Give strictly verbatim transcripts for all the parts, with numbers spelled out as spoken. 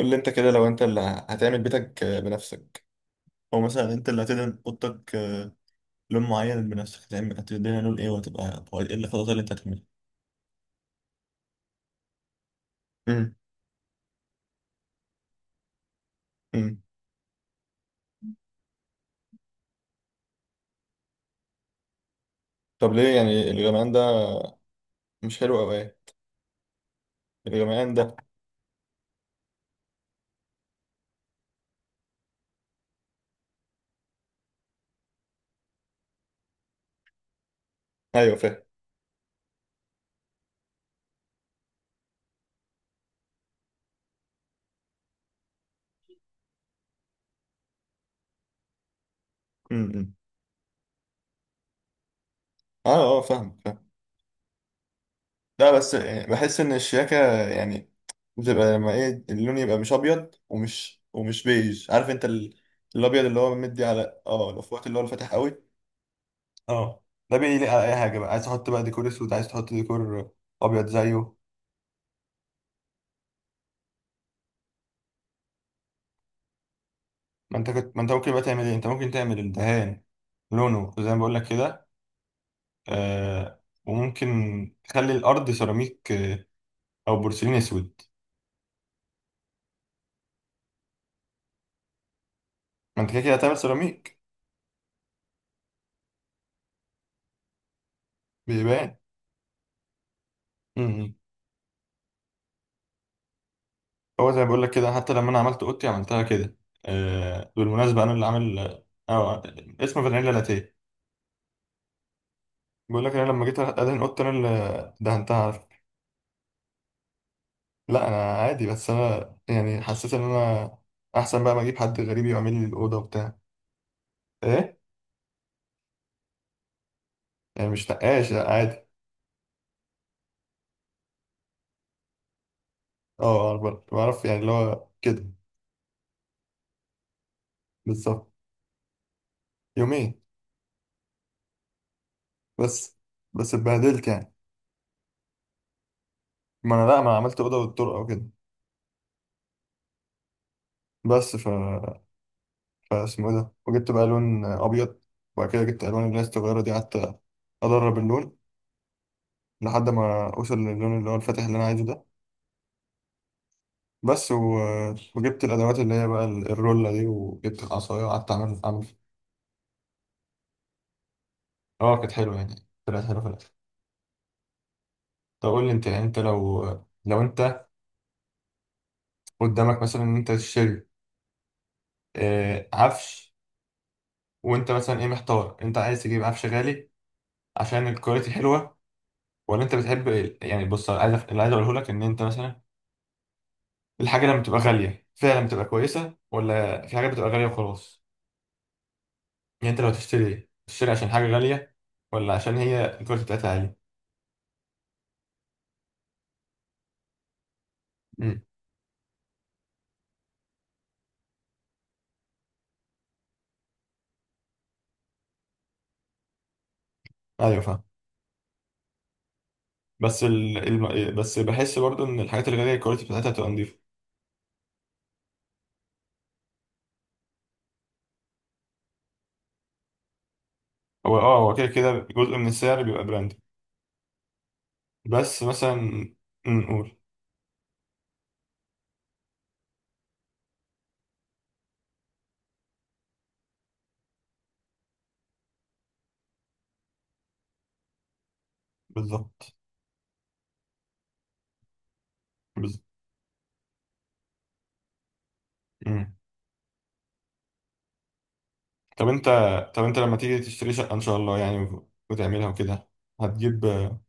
قول لي انت كده لو انت اللي هتعمل بيتك بنفسك، او مثلا انت اللي هتدهن اوضتك لون معين بنفسك، هتعمل هتدهنها لون ايه، وهتبقى هو ايه الخطوات اللي انت هتعملها؟ امم امم طب ليه يعني الغمقان ده؟ مش حلو او ايه؟ الغمقان ده. ايوه فاهم. امم. اه اه فاهم فاهم لا بس يعني بحس ان الشياكه يعني بتبقى لما ايه، اللون يبقى مش ابيض ومش ومش بيج، عارف انت ال- الابيض اللي هو مدي على اه الاوف وايت اللي هو الفاتح قوي. اه، ده بيليق على اي حاجه بقى، عايز تحط بقى ديكور اسود، عايز تحط ديكور ابيض زيه. ما انت كنت ما انت ممكن بقى تعمل ايه، انت ممكن تعمل الدهان لونه زي ما بقول لك كده. آه، وممكن تخلي الارض سيراميك، آه، او بورسلين اسود. ما انت كده كده هتعمل سيراميك. بيبان. امم. هو زي ما بقول لك كده، حتى لما انا عملت اوضتي عملتها كده. آه، بالمناسبه انا اللي عامل اه آه، اسمه فانيلا لاتيه. بقول لك انا لما جيت ادهن اوضتي انا اللي دهنتها. لا انا عادي، بس انا يعني حسيت ان انا احسن بقى ما اجيب حد غريب يعمل لي الاوضه وبتاع. ايه؟ يعني مش نقاش، لا عادي. اه بعرف بعرف يعني اللي هو كده. بالظبط. يومين بس. بس اتبهدلت يعني. ما انا لا، ما أنا عملت اوضه والطرقه وكده. بس ف فاسمه ايه ده، وجبت بقى لون ابيض، وبعد كده جبت الوان اللي هي الصغيره دي، قعدت ادرب اللون لحد ما اوصل للون اللي هو الفاتح اللي انا عايزه ده. بس و... وجبت الادوات اللي هي بقى الرولة دي، وجبت العصايه وقعدت اعمل اعمل. اه كانت حلوه يعني، طلعت حلوه في الاخر. طب قول لي انت، يعني انت لو لو انت قدامك مثلا ان انت تشتري، آه، عفش، وانت مثلا ايه، محتار انت عايز تجيب عفش غالي عشان الكواليتي حلوه، ولا انت بتحب ال- يعني بص، أنا عايز أف- اللي عايز اقوله لك ان انت مثلا الحاجه لما بتبقى غاليه فعلا بتبقى كويسه، ولا في حاجات بتبقى غاليه وخلاص. يعني انت لو تشتري، تشتري عشان حاجه غاليه، ولا عشان هي الكواليتي بتاعتها عاليه؟ امم. ايوه فاهم. بس ال... الم... بس بحس برضو ان الحاجات الغاليه الكواليتي بتاعتها بتبقى نضيفة. هو اه، هو كده كده جزء من السعر بيبقى براند. بس مثلا، أمم، نقول. بالظبط. بالظبط. مم. طب انت، طب انت لما تيجي تشتري شقة ان شاء الله يعني، وت- وتعملها وكده، هتجيب آه،.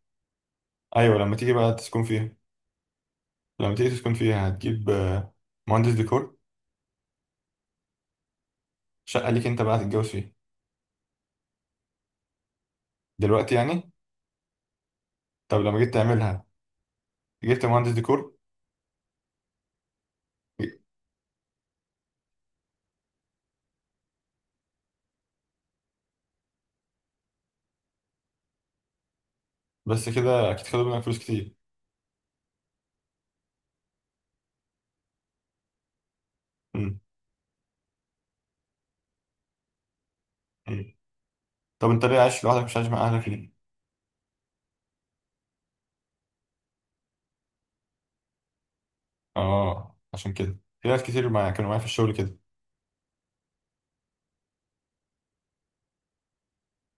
ايوه لما تيجي بقى تسكن فيها، لما تيجي تسكن فيها هتجيب آه، مهندس ديكور؟ شقة ليك انت بقى هتتجوز فيها؟ دلوقتي يعني؟ طب لما جيت تعملها جبت مهندس ديكور؟ بس كده اكيد خدوا منك فلوس كتير. مم. مم. طب انت ليه عايش لوحدك، مش عايش مع اهلك ليه؟ اه عشان كده، في ناس كتير معايا كانوا معايا في الشغل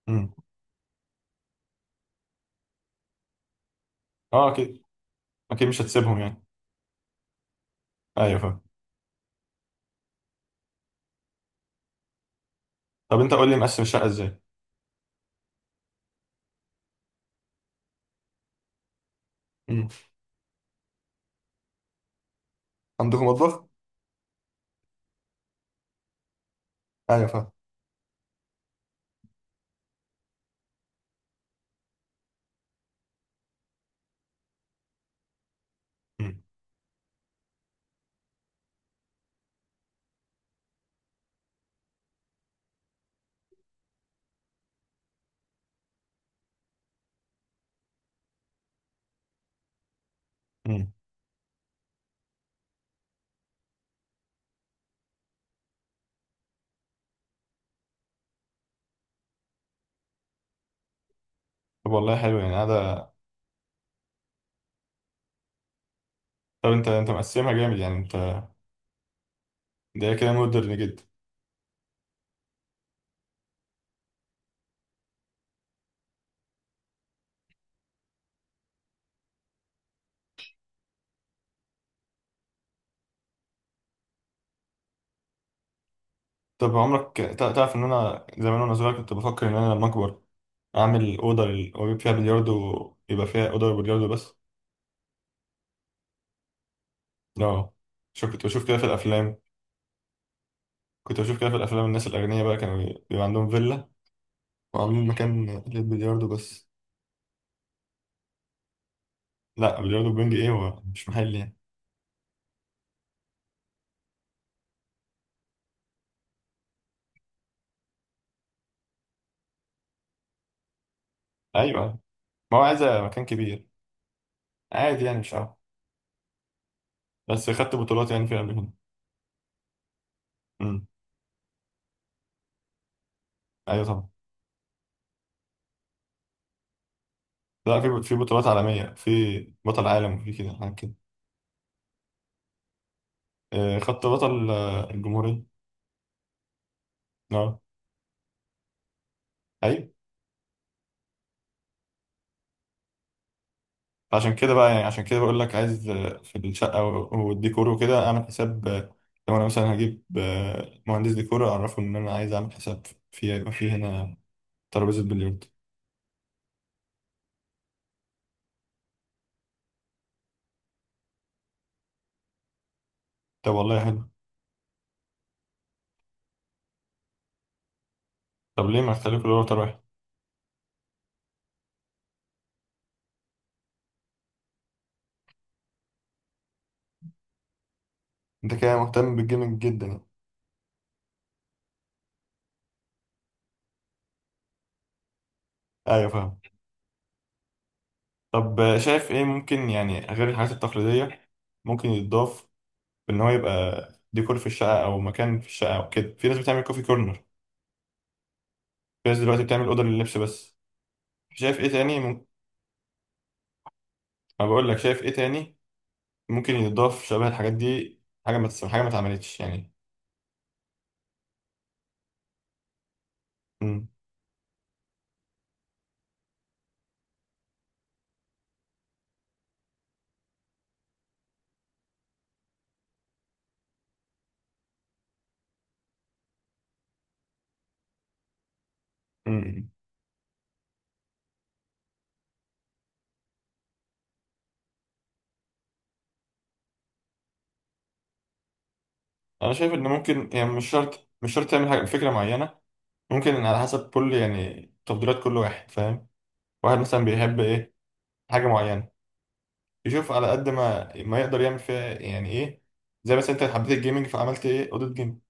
كده. اه اكيد، اكيد مش هتسيبهم يعني. ايوه فاهم. طب انت قول لي مقسم الشقه ازاي؟ مم. عندكم مطبخ؟ ايوه فاهم. مم. مم. طب والله حلو يعني هذا. طب انت، انت مقسمها جامد يعني انت، ده كده مودرن جدا. طب عمرك تع- تعرف ان انا زمان وانا صغير كنت بفكر ان انا لما اكبر اعمل اوضه لل- واجيب فيها بلياردو، يبقى فيها اوضه بلياردو بس. اه، شو كنت بشوف كده في الافلام، كنت بشوف كده في الافلام الناس الاغنياء بقى كانوا بيبقى عندهم فيلا وعاملين مكان للبلياردو بس. لا بلياردو بينج ايه، هو مش محل يعني. ايوه، ما هو عايز مكان كبير. عادي يعني، مش عارف. بس خدت بطولات يعني في قبل كده. امم. ايوه طبعا. لا في، في بطولات عالميه، في بطل عالم، وفي كده حاجات كده. آه، خدت بطل آه، الجمهوريه. اه. ايوه. عشان كده بقى يعني، عشان كده بقول لك عايز آه، في الشقه و- والديكور وكده اعمل حساب، آه، لو انا مثلا هجيب آه، مهندس ديكور اعرفه ان انا عايز اعمل حساب، في يبقى في هنا ترابيزه بلياردو. طب والله حلو. طب ليه ما اختلفوا اللي هو واحد؟ انت كده مهتم بالجيمنج جدا يعني. ايوه فاهم. طب شايف ايه ممكن، يعني غير الحاجات التقليدية ممكن يتضاف، ان هو يبقى ديكور في الشقة او مكان في الشقة او كده، في ناس بتعمل كوفي كورنر، في ناس دلوقتي بتعمل أوضة لللبس بس، شايف ايه تاني ممكن؟ ما بقول لك، شايف ايه تاني ممكن يتضاف شبه الحاجات دي، حاجة ما تس- حاجة ما اتعملتش يعني. امم امم انا شايف ان ممكن يعني، مش شرط مش شرط تعمل حاجة فكرة معينة، ممكن على حسب كل، يعني تفضيلات كل واحد، فاهم. واحد مثلا بيحب ايه حاجة معينة، يشوف على قد ما ما يقدر يعمل فيها يعني ايه. زي مثلا انت حبيت الجيمنج فعملت ايه اوضه جيم،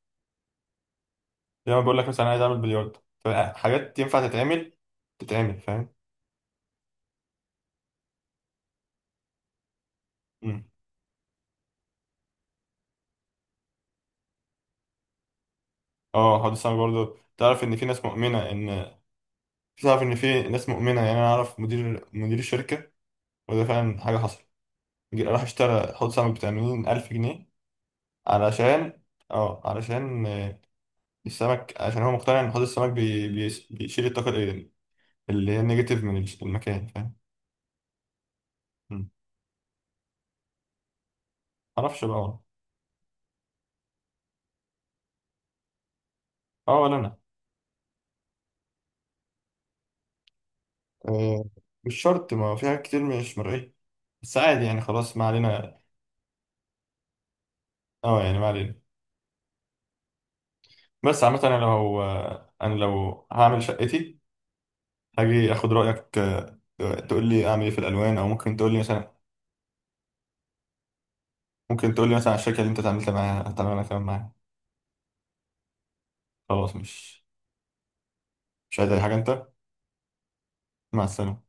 زي ما بقول لك مثلا عايز اعمل بلياردو، فحاجات ينفع تتعمل، تتعمل فاهم. مم. اه، هقعد السنه برضه، تعرف ان في ناس مؤمنه ان، تعرف ان في ناس مؤمنه، يعني انا اعرف مدير، مدير الشركه، وده فعلا حاجه حصلت، جه- راح اشترى حوض سمك ب ثمانين الف جنيه، علشان، اه علشان آه، السمك، عشان هو مقتنع ان حوض السمك بي... بي... بيشيل الطاقه ال- اللي هي النيجاتيف من المكان، فاهم؟ معرفش بقى والله. اه، ولا انا. آه، مش شرط، ما في حاجات كتير مش مرئية، بس عادي يعني خلاص ما علينا. اه يعني ما علينا. بس عامة انا لو، انا لو هعمل شقتي هاجي اخد رأيك، آه، تقول لي اعمل ايه في الالوان، او ممكن تقول لي مثلا، ممكن تقول لي مثلا على الشركة اللي انت اتعاملت معاها هتعمل انا كمان معاها. خلاص، مش مش عايز اي حاجة انت. مع السلامة.